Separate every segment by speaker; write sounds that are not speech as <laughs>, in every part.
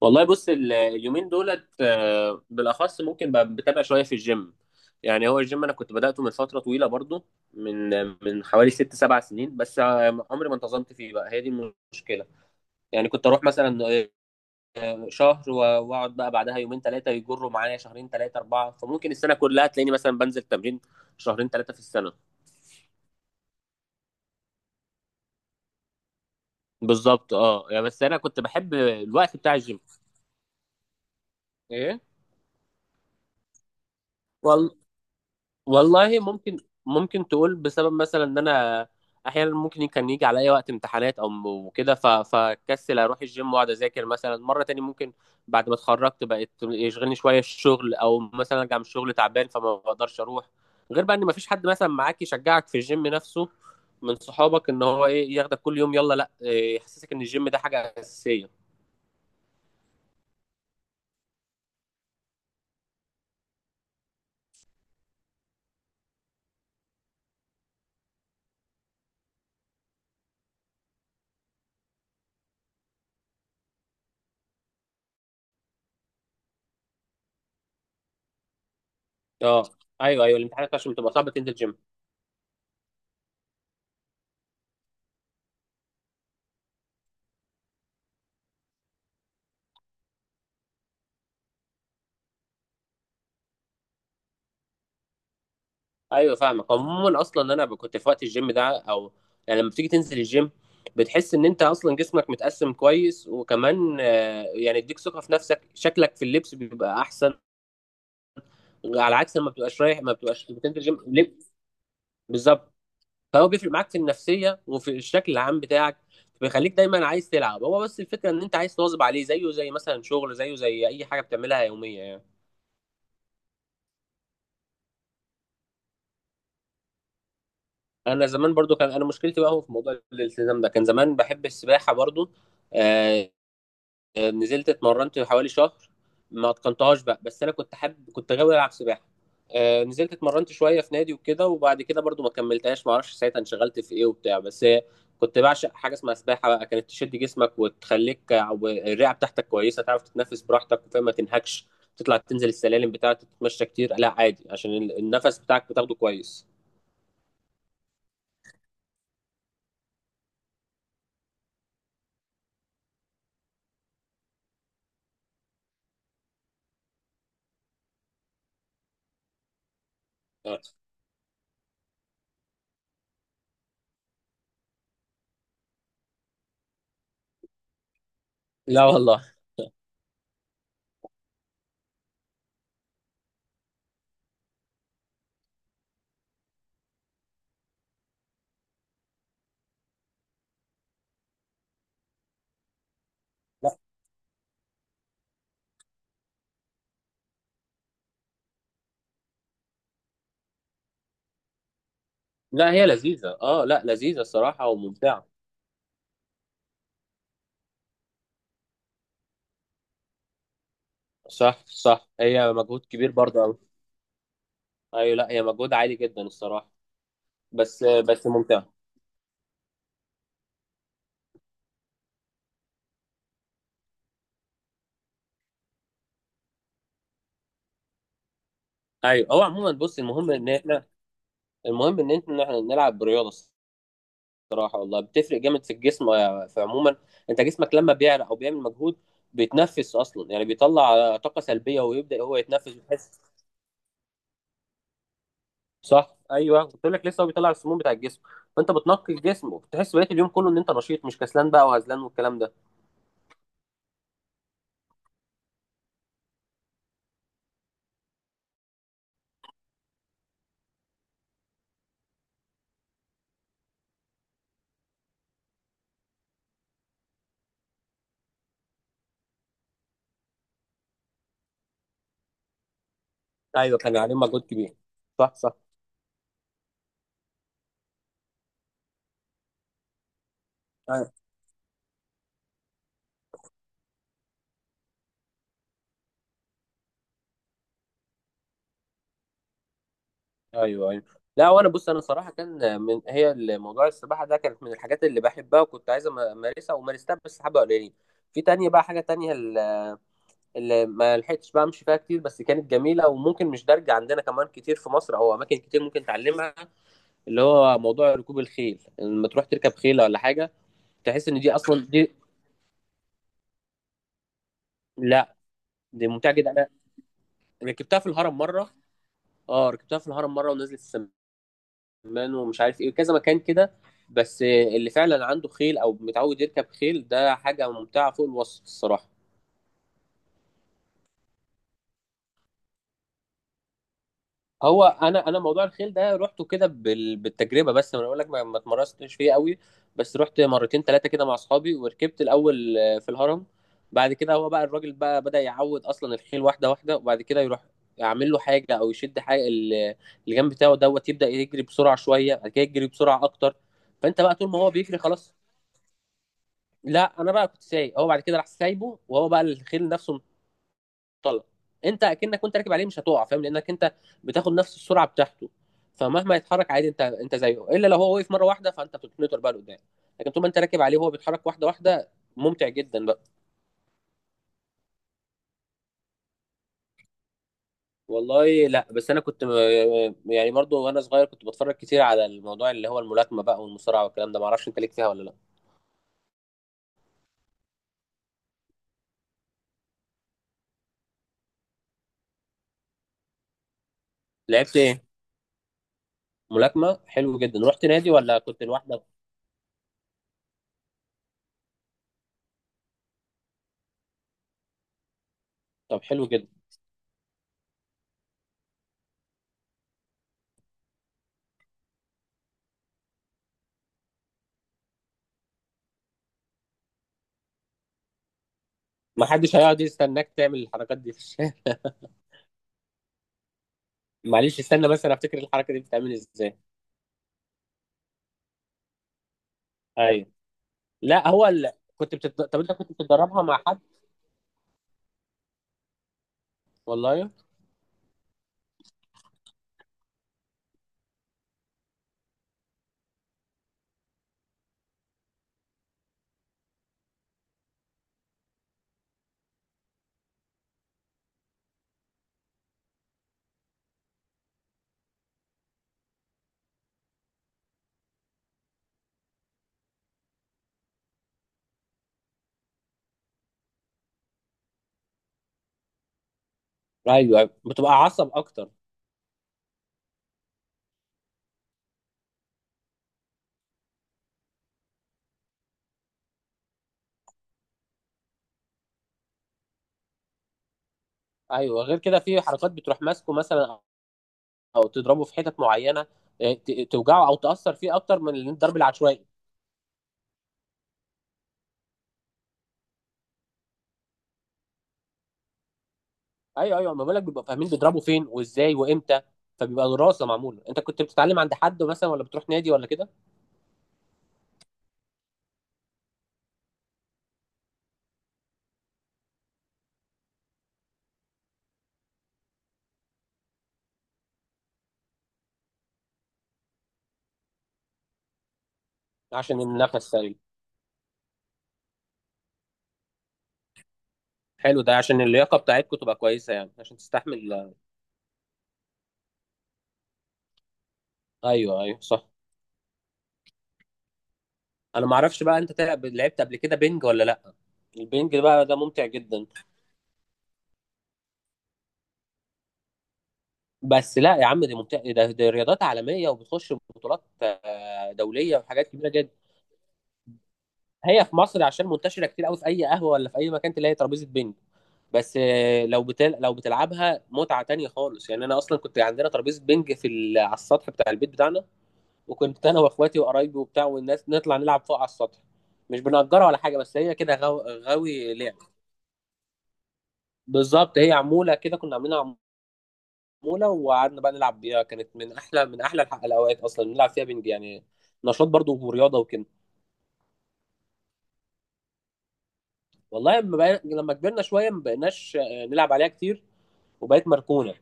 Speaker 1: والله بص اليومين دولت بالاخص ممكن بقى بتابع شويه في الجيم. يعني هو الجيم انا كنت بداته من فتره طويله برضو، من من حوالي ست سبع سنين. بس عمري ما انتظمت فيه بقى، هي دي المشكله. يعني كنت اروح مثلا شهر و- واقعد بقى بعدها يومين ثلاثه، يجروا معايا شهرين ثلاثه اربعه، فممكن السنه كلها تلاقيني مثلا بنزل تمرين شهرين ثلاثه في السنه. بالظبط، اه، يعني بس انا كنت بحب الوقت بتاع الجيم. ايه؟ والله ممكن، ممكن تقول بسبب مثلا ان انا احيانا ممكن كان يجي عليا وقت امتحانات او وكده فكسل اروح الجيم واقعد اذاكر، مثلا مره تاني ممكن بعد ما اتخرجت بقت يشغلني شويه الشغل، او مثلا ارجع من الشغل تعبان فما بقدرش اروح. غير بقى ان ما فيش حد مثلا معاك يشجعك في الجيم نفسه، من صحابك، ان هو ايه ياخدك كل يوم يلا لا يحسسك ان الجيم ده حاجه اساسيه. اه ايوه ايوه، الامتحانات عشان بتبقى صعبه تنزل جيم. ايوه فاهمك. عموما اصلا انا ب- كنت في وقت الجيم ده، او يعني لما بتيجي تنزل الجيم بتحس ان انت اصلا جسمك متقسم كويس، وكمان يعني يديك ثقه في نفسك، شكلك في اللبس بيبقى احسن. على عكس لما بتبقاش رايح، ما بتبقاش بتنزل جيم لب-. بالظبط. فهو بيفرق معاك في النفسيه وفي الشكل العام بتاعك، بيخليك دايما عايز تلعب. هو بس الفكره ان انت عايز تواظب عليه، زيه زي مثلا شغل، زيه زي اي حاجه بتعملها يوميه يعني. انا زمان برضو كان انا مشكلتي بقى هو في موضوع الالتزام ده. كان زمان بحب السباحه برضو، آه، نزلت اتمرنت حوالي شهر، ما اتقنتهاش بقى. بس انا كنت حابب، كنت غاوي العب سباحه. نزلت اتمرنت شويه في نادي وكده، وبعد كده برضو ما كملتهاش، ما اعرفش ساعتها انشغلت في ايه وبتاع. بس كنت بعشق حاجه اسمها سباحه بقى، كانت تشد جسمك وتخليك، او الرئه بتاعتك كويسه تعرف تتنفس براحتك وفاهم ما تنهكش. تطلع تنزل السلالم بتاعتك، تتمشى كتير لا عادي، عشان ال- النفس بتاعك بتاخده كويس. آه. لا والله. لا لا هي لذيذه. اه لا لذيذه الصراحه وممتعه. صح صح، هي مجهود كبير برضه. ايوه لا هي مجهود عالي جدا الصراحه. بس بس ممتع. ايوه هو عموما، بص المهم ان احنا، المهم ان احنا إحنا نلعب برياضه. الصراحه والله بتفرق جامد في الجسم، في عموما انت جسمك لما بيعرق او بيعمل مجهود بيتنفس اصلا. يعني بيطلع طاقه سلبيه ويبدا هو يتنفس وتحس. صح ايوه، قلت لك لسه، هو بيطلع السموم بتاع الجسم. فانت بتنقي الجسم، وبتحس بقيه اليوم كله ان انت نشيط، مش كسلان بقى وهزلان والكلام ده. ايوه كان عليه مجهود كبير. صح صح. ايوه ايوه. لا وانا بص، انا صراحه كان من، هي موضوع السباحه ده كانت من الحاجات اللي بحبها، وكنت عايز امارسها ومارستها بس حبه قليلين. في تانية بقى، حاجه تانية ال- اللي ما لحقتش بقى امشي فيها كتير، بس كانت جميله وممكن مش دارجه عندنا كمان كتير في مصر، او اماكن كتير ممكن تعلمها. اللي هو موضوع ركوب الخيل، لما تروح تركب خيله ولا حاجه. تحس ان دي اصلا دي، لا دي ممتعه جدا. انا ركبتها في الهرم مره. اه ركبتها في الهرم مره، ونزلت السماء مان ومش عارف ايه وكذا مكان كده. بس اللي فعلا عنده خيل او متعود يركب خيل، ده حاجه ممتعه فوق الوصف الصراحه. هو انا، انا موضوع الخيل ده رحته كده بال- بالتجربه، بس انا بقول لك ما اتمرستش فيه قوي. بس رحت مرتين ثلاثه كده مع اصحابي وركبت الاول في الهرم. بعد كده هو بقى الراجل بقى بدأ يعود اصلا الخيل واحده واحده، وبعد كده يروح يعمل له حاجه او يشد حاجه ال- اللي جنب بتاعه دوت، يبدأ يجري بسرعه شويه، بعد كده يجري بسرعه اكتر. فانت بقى طول ما هو بيجري خلاص. لا انا بقى كنت سايق، هو بعد كده راح سايبه وهو بقى الخيل نفسه انطلق. انت اكنك كنت راكب عليه مش هتقع، فاهم، لانك انت بتاخد نفس السرعه بتاعته. فمهما يتحرك عادي انت انت زيه، الا لو هو وقف مره واحده فانت بتتنطر بقى لقدام. لكن طول ما انت راكب عليه وهو بيتحرك واحده واحده، ممتع جدا بقى. والله لا. بس انا كنت يعني برضو وانا صغير كنت بتفرج كتير على الموضوع اللي هو الملاكمه بقى والمصارعه والكلام ده، معرفش انت ليك فيها ولا لا. لعبت ايه؟ ملاكمه، حلو جدا. رحت نادي ولا كنت لوحدك؟ طب حلو جدا. ما حدش هيقعد يستناك تعمل الحركات دي في الشارع. <laughs> معلش استنى، بس انا افتكر الحركه دي بتتعمل ازاي. ايوه. لا هو ال... كنت بتد... طب انت كنت بتتدربها مع حد؟ والله. ايوه. أيوة. بتبقى عصب اكتر. ايوه غير كده في حركات بتروح ماسكه مثلا، او تضربه في حتت معينه. توجعه او تاثر فيه اكتر من الضرب العشوائي. ايوه ايوه، ما بالك بيبقى فاهمين بيضربوا فين وازاي وامتى، فبيبقى دراسه معموله. انت كنت بتتعلم عند حد مثلا ولا بتروح نادي ولا كده؟ عشان النفس سليم. حلو، ده عشان اللياقه بتاعتكم تبقى كويسه يعني عشان تستحمل. ايوه ايوه صح. انا ما اعرفش بقى انت تلعب، لعبت قبل كده بينج ولا لا؟ البينج ده بقى، ده ممتع جدا. بس لا يا عم دي ممتع، ده دي رياضات عالميه وبتخش بطولات دوليه وحاجات كبيره جدا. هي في مصر عشان منتشره كتير قوي، في اي قهوه ولا في اي مكان تلاقي ترابيزه بينج. بس لو بتل... لو بتلعبها متعه تانية خالص يعني. انا اصلا كنت عندنا ترابيزه بينج في ال... على السطح بتاع البيت بتاعنا، وكنت انا واخواتي وقرايبي وبتاع والناس نطلع نلعب فوق على السطح. مش بنأجرها ولا حاجه، بس هي كده غو... غاوي لعب. بالظبط، هي عموله كده كنا عاملينها. عموله وقعدنا بقى نلعب بيها، كانت من احلى، من احلى الح- الاوقات اصلا نلعب فيها بنج يعني. نشاط برضو ورياضه وكده. والله لما بقى... لما كبرنا شويه ما بقيناش نلعب عليها كتير وبقت مركونه.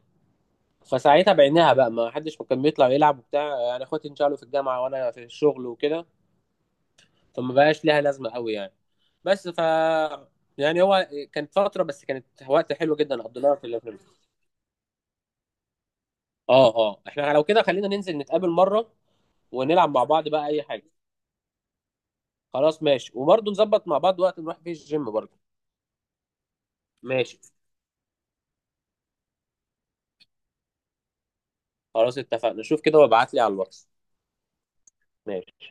Speaker 1: فساعتها بعناها بقى، ما حدش كان بيطلع يلعب وبتاع، يعني اخواتي انشغلوا في الجامعه وانا في الشغل وكده، فما بقاش ليها لازمه قوي يعني. بس ف يعني هو كانت فتره بس كانت وقت حلو جدا قضيناها في الافلام. اه اه، احنا لو كده خلينا ننزل نتقابل مره ونلعب مع بعض بقى اي حاجه. خلاص ماشي، وبرضه نظبط مع بعض وقت نروح فيه الجيم برضه. ماشي. خلاص اتفقنا، شوف كده وابعت لي على الواتس. ماشي.